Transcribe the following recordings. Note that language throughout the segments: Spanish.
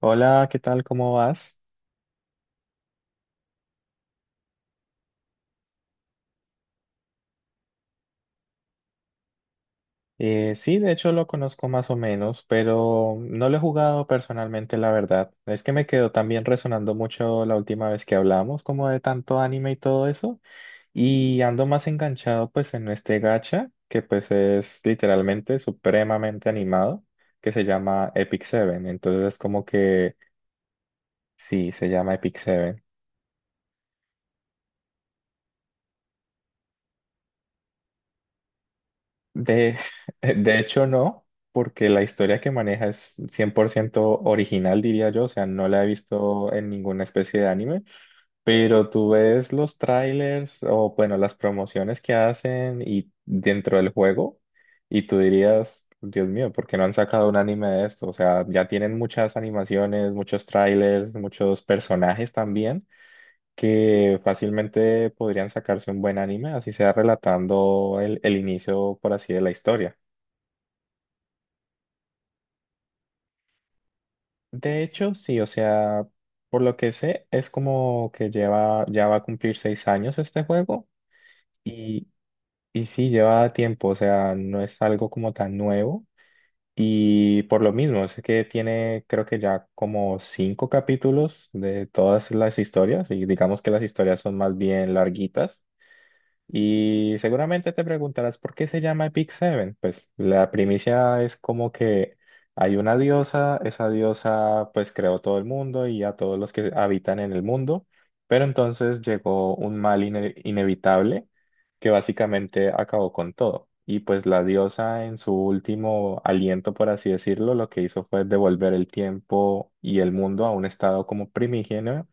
Hola, ¿qué tal? ¿Cómo vas? Sí, de hecho lo conozco más o menos, pero no lo he jugado personalmente, la verdad. Es que me quedó también resonando mucho la última vez que hablamos, como de tanto anime y todo eso, y ando más enganchado pues en este gacha, que pues es literalmente supremamente animado, que se llama Epic Seven. Entonces es como que sí, se llama Epic Seven. De, de hecho, no, porque la historia que maneja es 100% original, diría yo, o sea, no la he visto en ninguna especie de anime, pero tú ves los trailers o, bueno, las promociones que hacen y dentro del juego, y tú dirías, Dios mío, ¿por qué no han sacado un anime de esto? O sea, ya tienen muchas animaciones, muchos trailers, muchos personajes también. Que fácilmente podrían sacarse un buen anime, así sea relatando el inicio, por así, de la historia. De hecho, sí, o sea, por lo que sé, es como que lleva, ya va a cumplir 6 años este juego y, y sí, lleva tiempo, o sea, no es algo como tan nuevo y por lo mismo, es que tiene creo que ya como cinco capítulos de todas las historias y digamos que las historias son más bien larguitas. Y seguramente te preguntarás por qué se llama Epic Seven. Pues la primicia es como que hay una diosa, esa diosa pues creó todo el mundo y a todos los que habitan en el mundo, pero entonces llegó un mal inevitable que básicamente acabó con todo. Y pues la diosa en su último aliento, por así decirlo, lo que hizo fue devolver el tiempo y el mundo a un estado como primigenio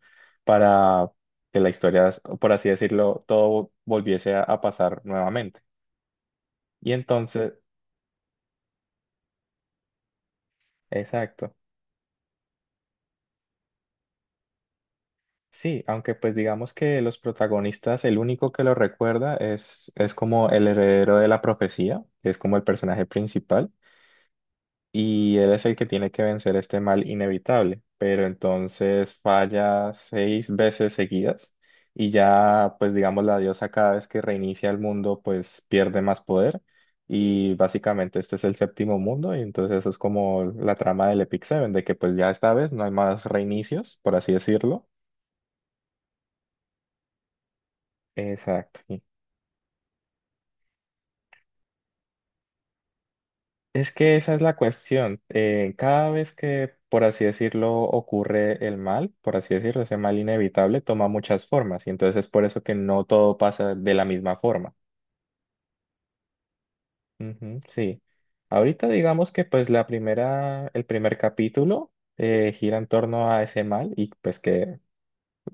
que la historia, por así decirlo, todo volviese a pasar nuevamente. Y entonces, exacto. Sí, aunque pues digamos que los protagonistas, el único que lo recuerda es como el heredero de la profecía, que es como el personaje principal. Y él es el que tiene que vencer este mal inevitable, pero entonces falla seis veces seguidas y ya, pues digamos, la diosa cada vez que reinicia el mundo, pues pierde más poder y básicamente este es el séptimo mundo y entonces eso es como la trama del Epic Seven, de que pues ya esta vez no hay más reinicios, por así decirlo. Exacto. Es que esa es la cuestión. Cada vez que, por así decirlo, ocurre el mal, por así decirlo, ese mal inevitable toma muchas formas y entonces es por eso que no todo pasa de la misma forma. Ujú, sí. Ahorita digamos que pues la primera, el primer capítulo gira en torno a ese mal y pues que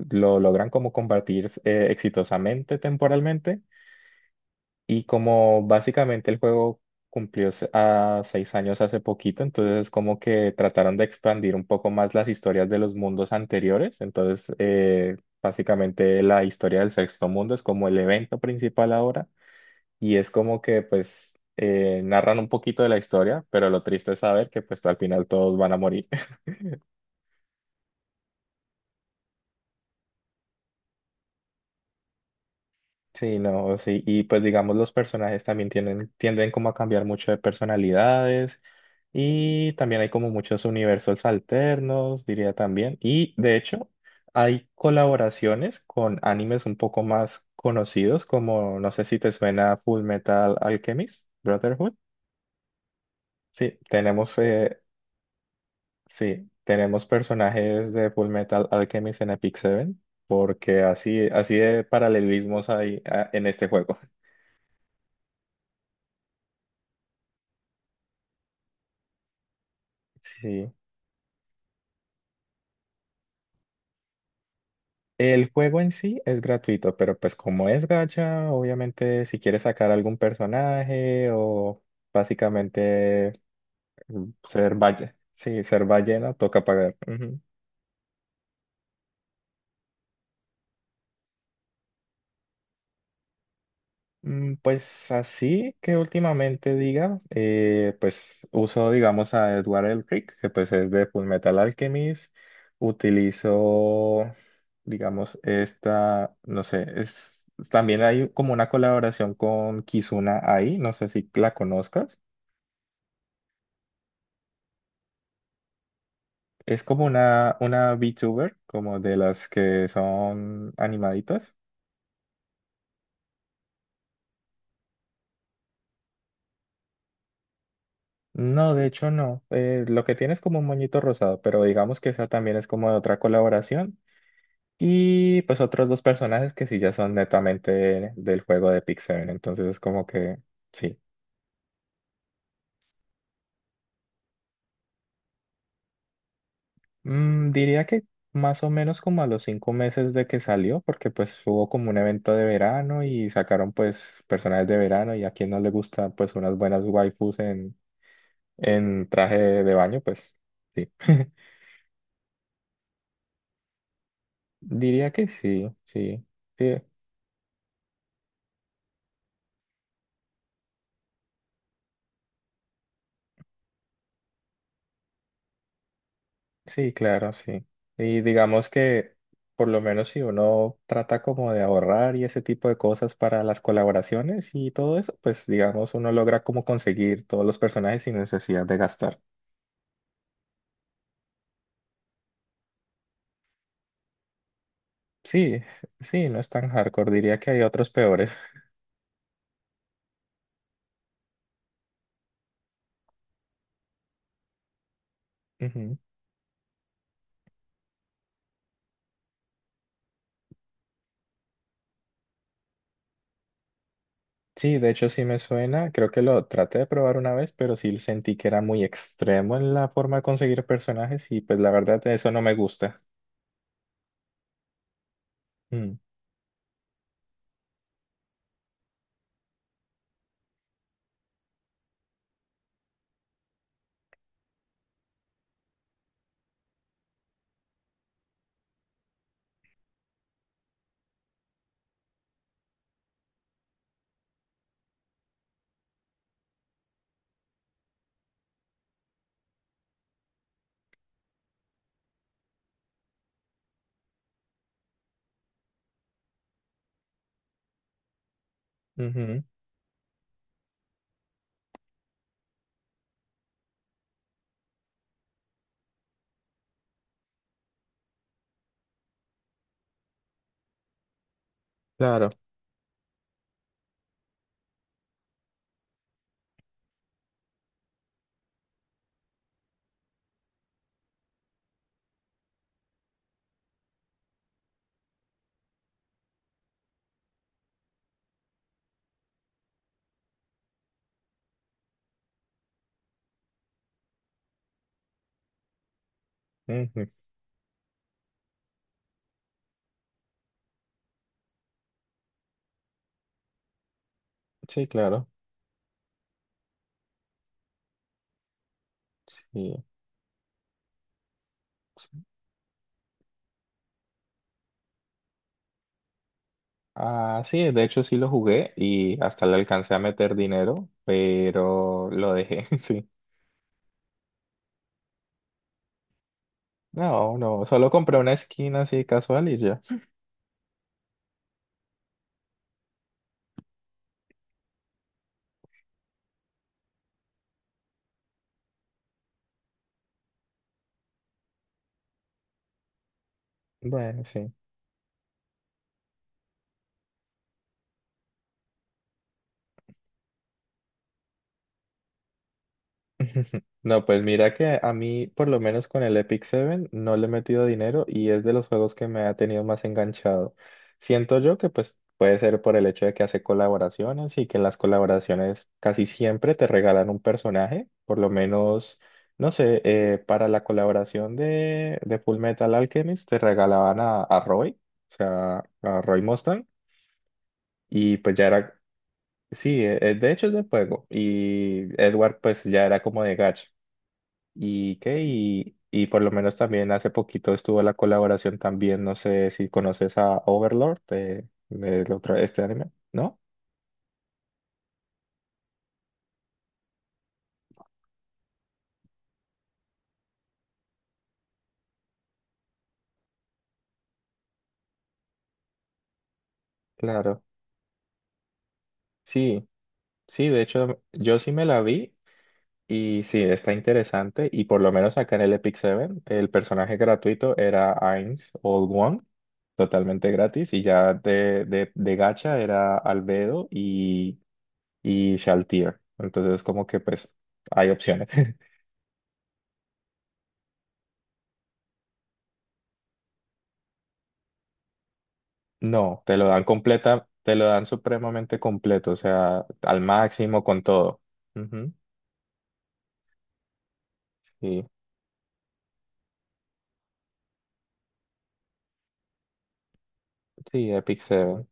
lo logran como combatir exitosamente temporalmente. Y como básicamente el juego cumplió a 6 años hace poquito, entonces como que trataron de expandir un poco más las historias de los mundos anteriores. Entonces, básicamente la historia del sexto mundo es como el evento principal ahora y es como que pues narran un poquito de la historia, pero lo triste es saber que pues al final todos van a morir. Sí, no, sí, y pues digamos los personajes también tienen tienden como a cambiar mucho de personalidades y también hay como muchos universos alternos, diría también, y de hecho hay colaboraciones con animes un poco más conocidos como, no sé si te suena Full Metal Alchemist, Brotherhood. Sí, tenemos, eh, sí, tenemos personajes de Full Metal Alchemist en Epic Seven porque así de paralelismos hay en este juego. Sí. El juego en sí es gratuito, pero pues como es gacha, obviamente si quieres sacar algún personaje o básicamente ser valle, sí, ser ballena, toca pagar. Pues así que últimamente diga, pues uso digamos a Edward Elric, que pues es de Fullmetal Alchemist, utilizo digamos esta, no sé, es también hay como una colaboración con Kizuna Ai, no sé si la conozcas, es como una VTuber, como de las que son animaditas. No, de hecho no. Lo que tiene es como un moñito rosado, pero digamos que esa también es como de otra colaboración. Y pues otros dos personajes que sí ya son netamente del juego de Pick Seven. Entonces es como que sí. Diría que más o menos como a los 5 meses de que salió, porque pues hubo como un evento de verano y sacaron pues personajes de verano y a quien no le gusta pues unas buenas waifus en traje de baño, pues sí. Diría que sí, sí. Sí, sí, claro, sí. Y digamos que por lo menos si uno trata como de ahorrar y ese tipo de cosas para las colaboraciones y todo eso, pues digamos uno logra como conseguir todos los personajes sin necesidad de gastar. Sí, sí, no es tan hardcore, diría que hay otros peores. Ujú. Sí, de hecho sí me suena, creo que lo traté de probar una vez, pero sí sentí que era muy extremo en la forma de conseguir personajes y pues la verdad eso no me gusta. Mm, ujú, claro, ujú, sí, claro, sí. Sí. Ah, sí, de hecho sí lo jugué y hasta le alcancé a meter dinero, pero lo dejé, sí. No, no, solo compré una skin así casual y ya. Bueno, sí. No, pues mira que a mí, por lo menos con el Epic Seven, no le he metido dinero y es de los juegos que me ha tenido más enganchado. Siento yo que pues puede ser por el hecho de que hace colaboraciones y que las colaboraciones casi siempre te regalan un personaje, por lo menos, no sé, para la colaboración de Full Metal Alchemist te regalaban a Roy, o sea, a Roy Mustang, y pues ya era, sí, de hecho es de juego y Edward pues ya era como de gacha. ¿Y qué? Y por lo menos también hace poquito estuvo la colaboración también, no sé si conoces a Overlord del este anime, ¿no? Claro. Sí, sí, de hecho yo sí me la vi y sí, está interesante y por lo menos acá en el Epic Seven el personaje gratuito era Ainz Old One, totalmente gratis y ya de gacha era Albedo y Shaltir. Entonces como que pues hay opciones. No, te lo dan completa, te lo dan supremamente completo, o sea, al máximo con todo. Ujú, sí, sí, Epic Seven.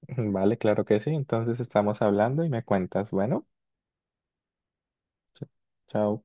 Vale, claro que sí. Entonces estamos hablando y me cuentas. Bueno, ch- chao.